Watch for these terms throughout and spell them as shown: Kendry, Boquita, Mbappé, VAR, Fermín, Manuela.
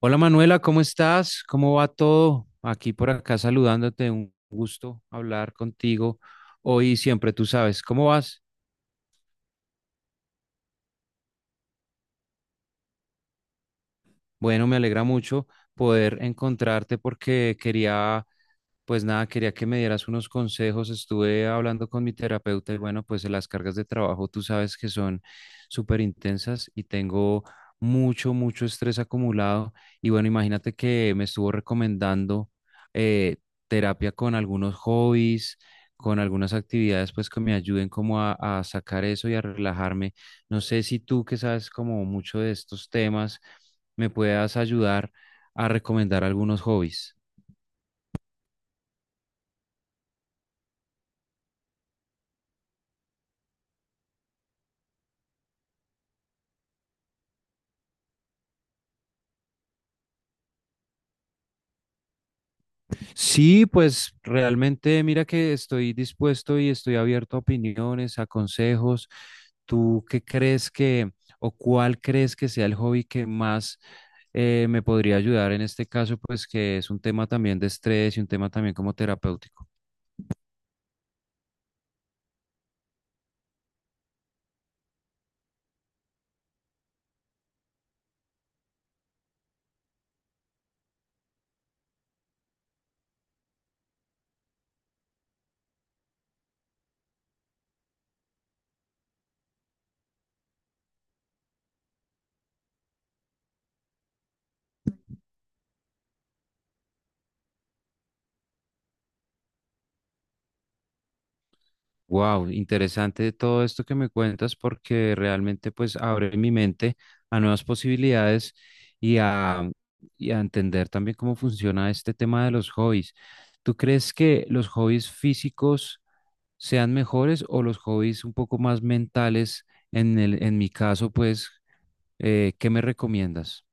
Hola Manuela, ¿cómo estás? ¿Cómo va todo? Aquí por acá saludándote, un gusto hablar contigo hoy y siempre, tú sabes, ¿cómo vas? Bueno, me alegra mucho poder encontrarte porque quería. Pues nada, quería que me dieras unos consejos. Estuve hablando con mi terapeuta y bueno, pues las cargas de trabajo tú sabes que son súper intensas y tengo mucho, mucho estrés acumulado. Y bueno, imagínate que me estuvo recomendando eh, terapia con algunos hobbies, con algunas actividades pues que me ayuden como a sacar eso y a relajarme. No sé si tú que sabes como mucho de estos temas me puedas ayudar a recomendar algunos hobbies. Sí, pues realmente mira que estoy dispuesto y estoy abierto a opiniones, a consejos. ¿Tú qué crees que o cuál crees que sea el hobby que más me podría ayudar en este caso, pues que es un tema también de estrés y un tema también como terapéutico? Wow, interesante todo esto que me cuentas porque realmente pues abre mi mente a nuevas posibilidades y a, y a entender también cómo funciona este tema de los hobbies. ¿Tú crees que los hobbies físicos sean mejores o los hobbies un poco más mentales? En mi caso, pues, ¿qué me recomiendas?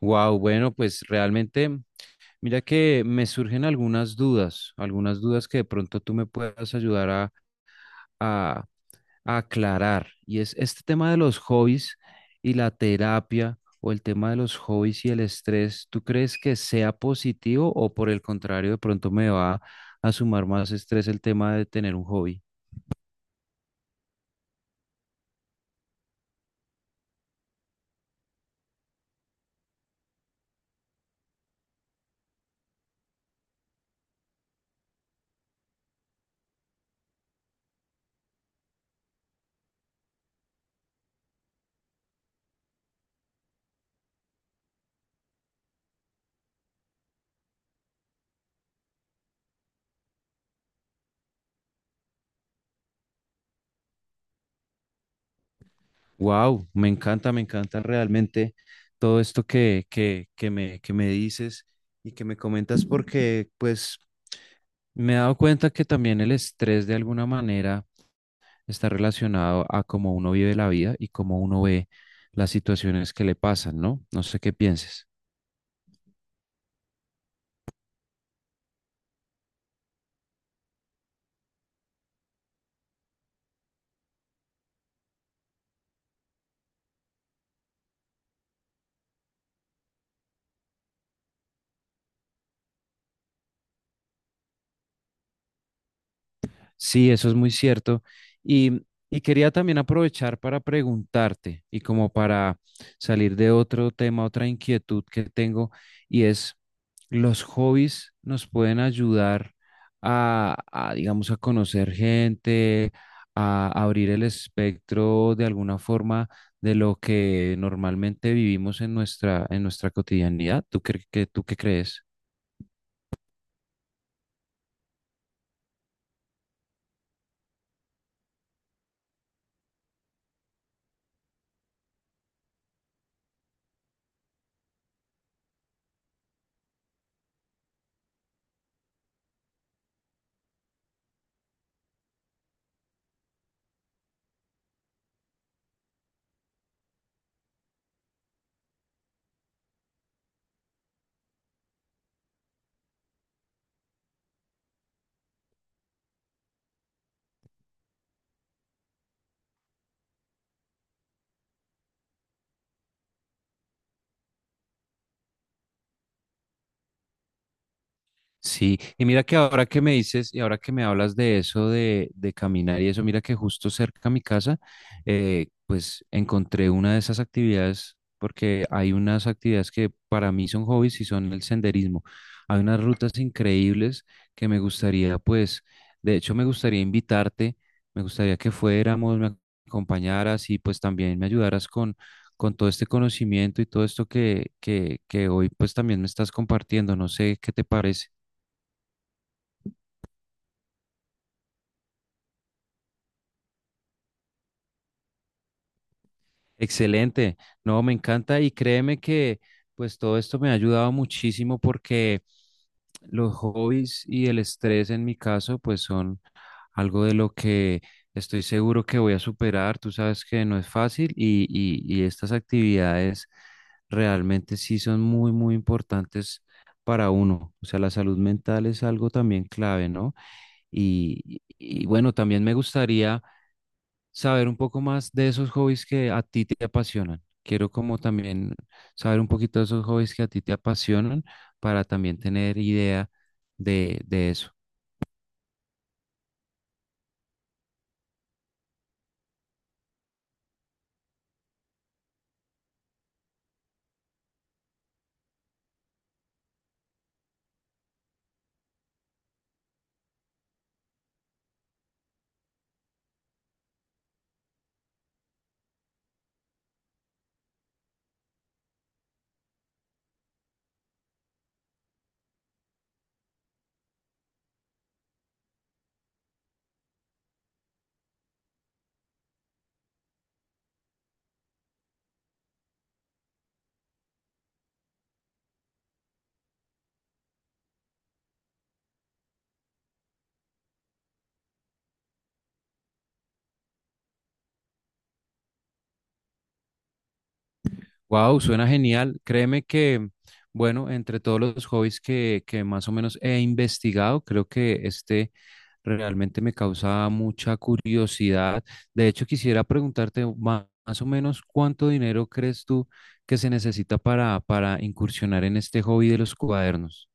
Wow, bueno, pues realmente, mira que me surgen algunas dudas que de pronto tú me puedas ayudar a aclarar, y es este tema de los hobbies y la terapia, o el tema de los hobbies y el estrés. ¿Tú crees que sea positivo o por el contrario de pronto me va a sumar más estrés el tema de tener un hobby? Wow, me encanta realmente todo esto que me dices y que me comentas, porque pues me he dado cuenta que también el estrés de alguna manera está relacionado a cómo uno vive la vida y cómo uno ve las situaciones que le pasan, ¿no? No sé qué pienses. Sí, eso es muy cierto. Y, y quería también aprovechar para preguntarte y como para salir de otro tema, otra inquietud que tengo, y es, ¿los hobbies nos pueden ayudar digamos, a conocer gente, a abrir el espectro de alguna forma de lo que normalmente vivimos en en nuestra cotidianidad? ¿Tú qué, tú qué crees? Sí, y mira que ahora que me dices y ahora que me hablas de eso de caminar y eso, mira que justo cerca a mi casa, pues encontré una de esas actividades, porque hay unas actividades que para mí son hobbies y son el senderismo. Hay unas rutas increíbles que me gustaría, pues, de hecho me gustaría invitarte, me gustaría que fuéramos, me acompañaras y pues también me ayudaras con todo este conocimiento y todo esto que hoy pues también me estás compartiendo. No sé qué te parece. Excelente. No, me encanta y créeme que pues todo esto me ha ayudado muchísimo porque los hobbies y el estrés en mi caso pues son algo de lo que estoy seguro que voy a superar. Tú sabes que no es fácil y estas actividades realmente sí son muy, muy importantes para uno. O sea, la salud mental es algo también clave, ¿no? Y bueno, también me gustaría saber un poco más de esos hobbies que a ti te apasionan. Quiero como también saber un poquito de esos hobbies que a ti te apasionan para también tener idea de eso. Wow, suena genial. Créeme que, bueno, entre todos los hobbies que más o menos he investigado, creo que este realmente me causa mucha curiosidad. De hecho, quisiera preguntarte más o menos cuánto dinero crees tú que se necesita para incursionar en este hobby de los cuadernos.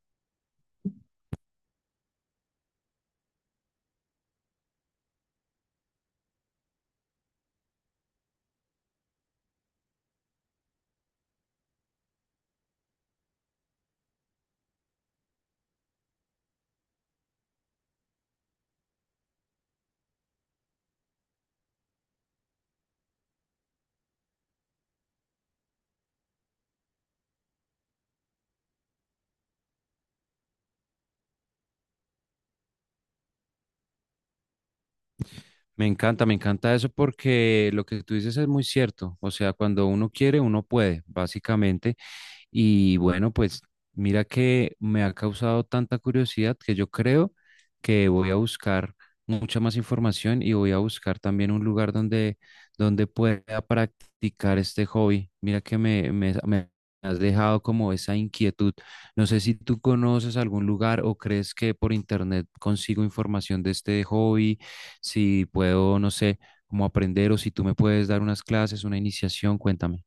Me encanta eso porque lo que tú dices es muy cierto. O sea, cuando uno quiere, uno puede, básicamente. Y bueno, pues mira que me ha causado tanta curiosidad que yo creo que voy a buscar mucha más información y voy a buscar también un lugar donde pueda practicar este hobby. Mira que me has dejado como esa inquietud. No sé si tú conoces algún lugar o crees que por internet consigo información de este hobby, si puedo, no sé, como aprender o si tú me puedes dar unas clases, una iniciación, cuéntame.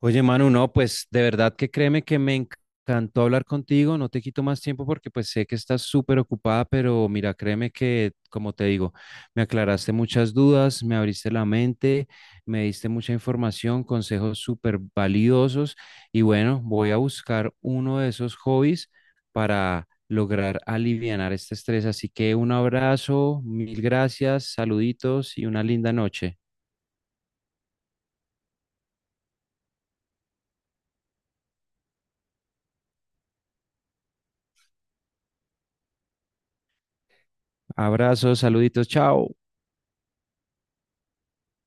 Oye, Manu, no, pues de verdad que créeme que me encantó hablar contigo, no te quito más tiempo porque pues sé que estás súper ocupada, pero mira, créeme que, como te digo, me aclaraste muchas dudas, me abriste la mente, me diste mucha información, consejos súper valiosos y bueno, voy a buscar uno de esos hobbies para lograr alivianar este estrés. Así que un abrazo, mil gracias, saluditos y una linda noche. Abrazos, saluditos, chao.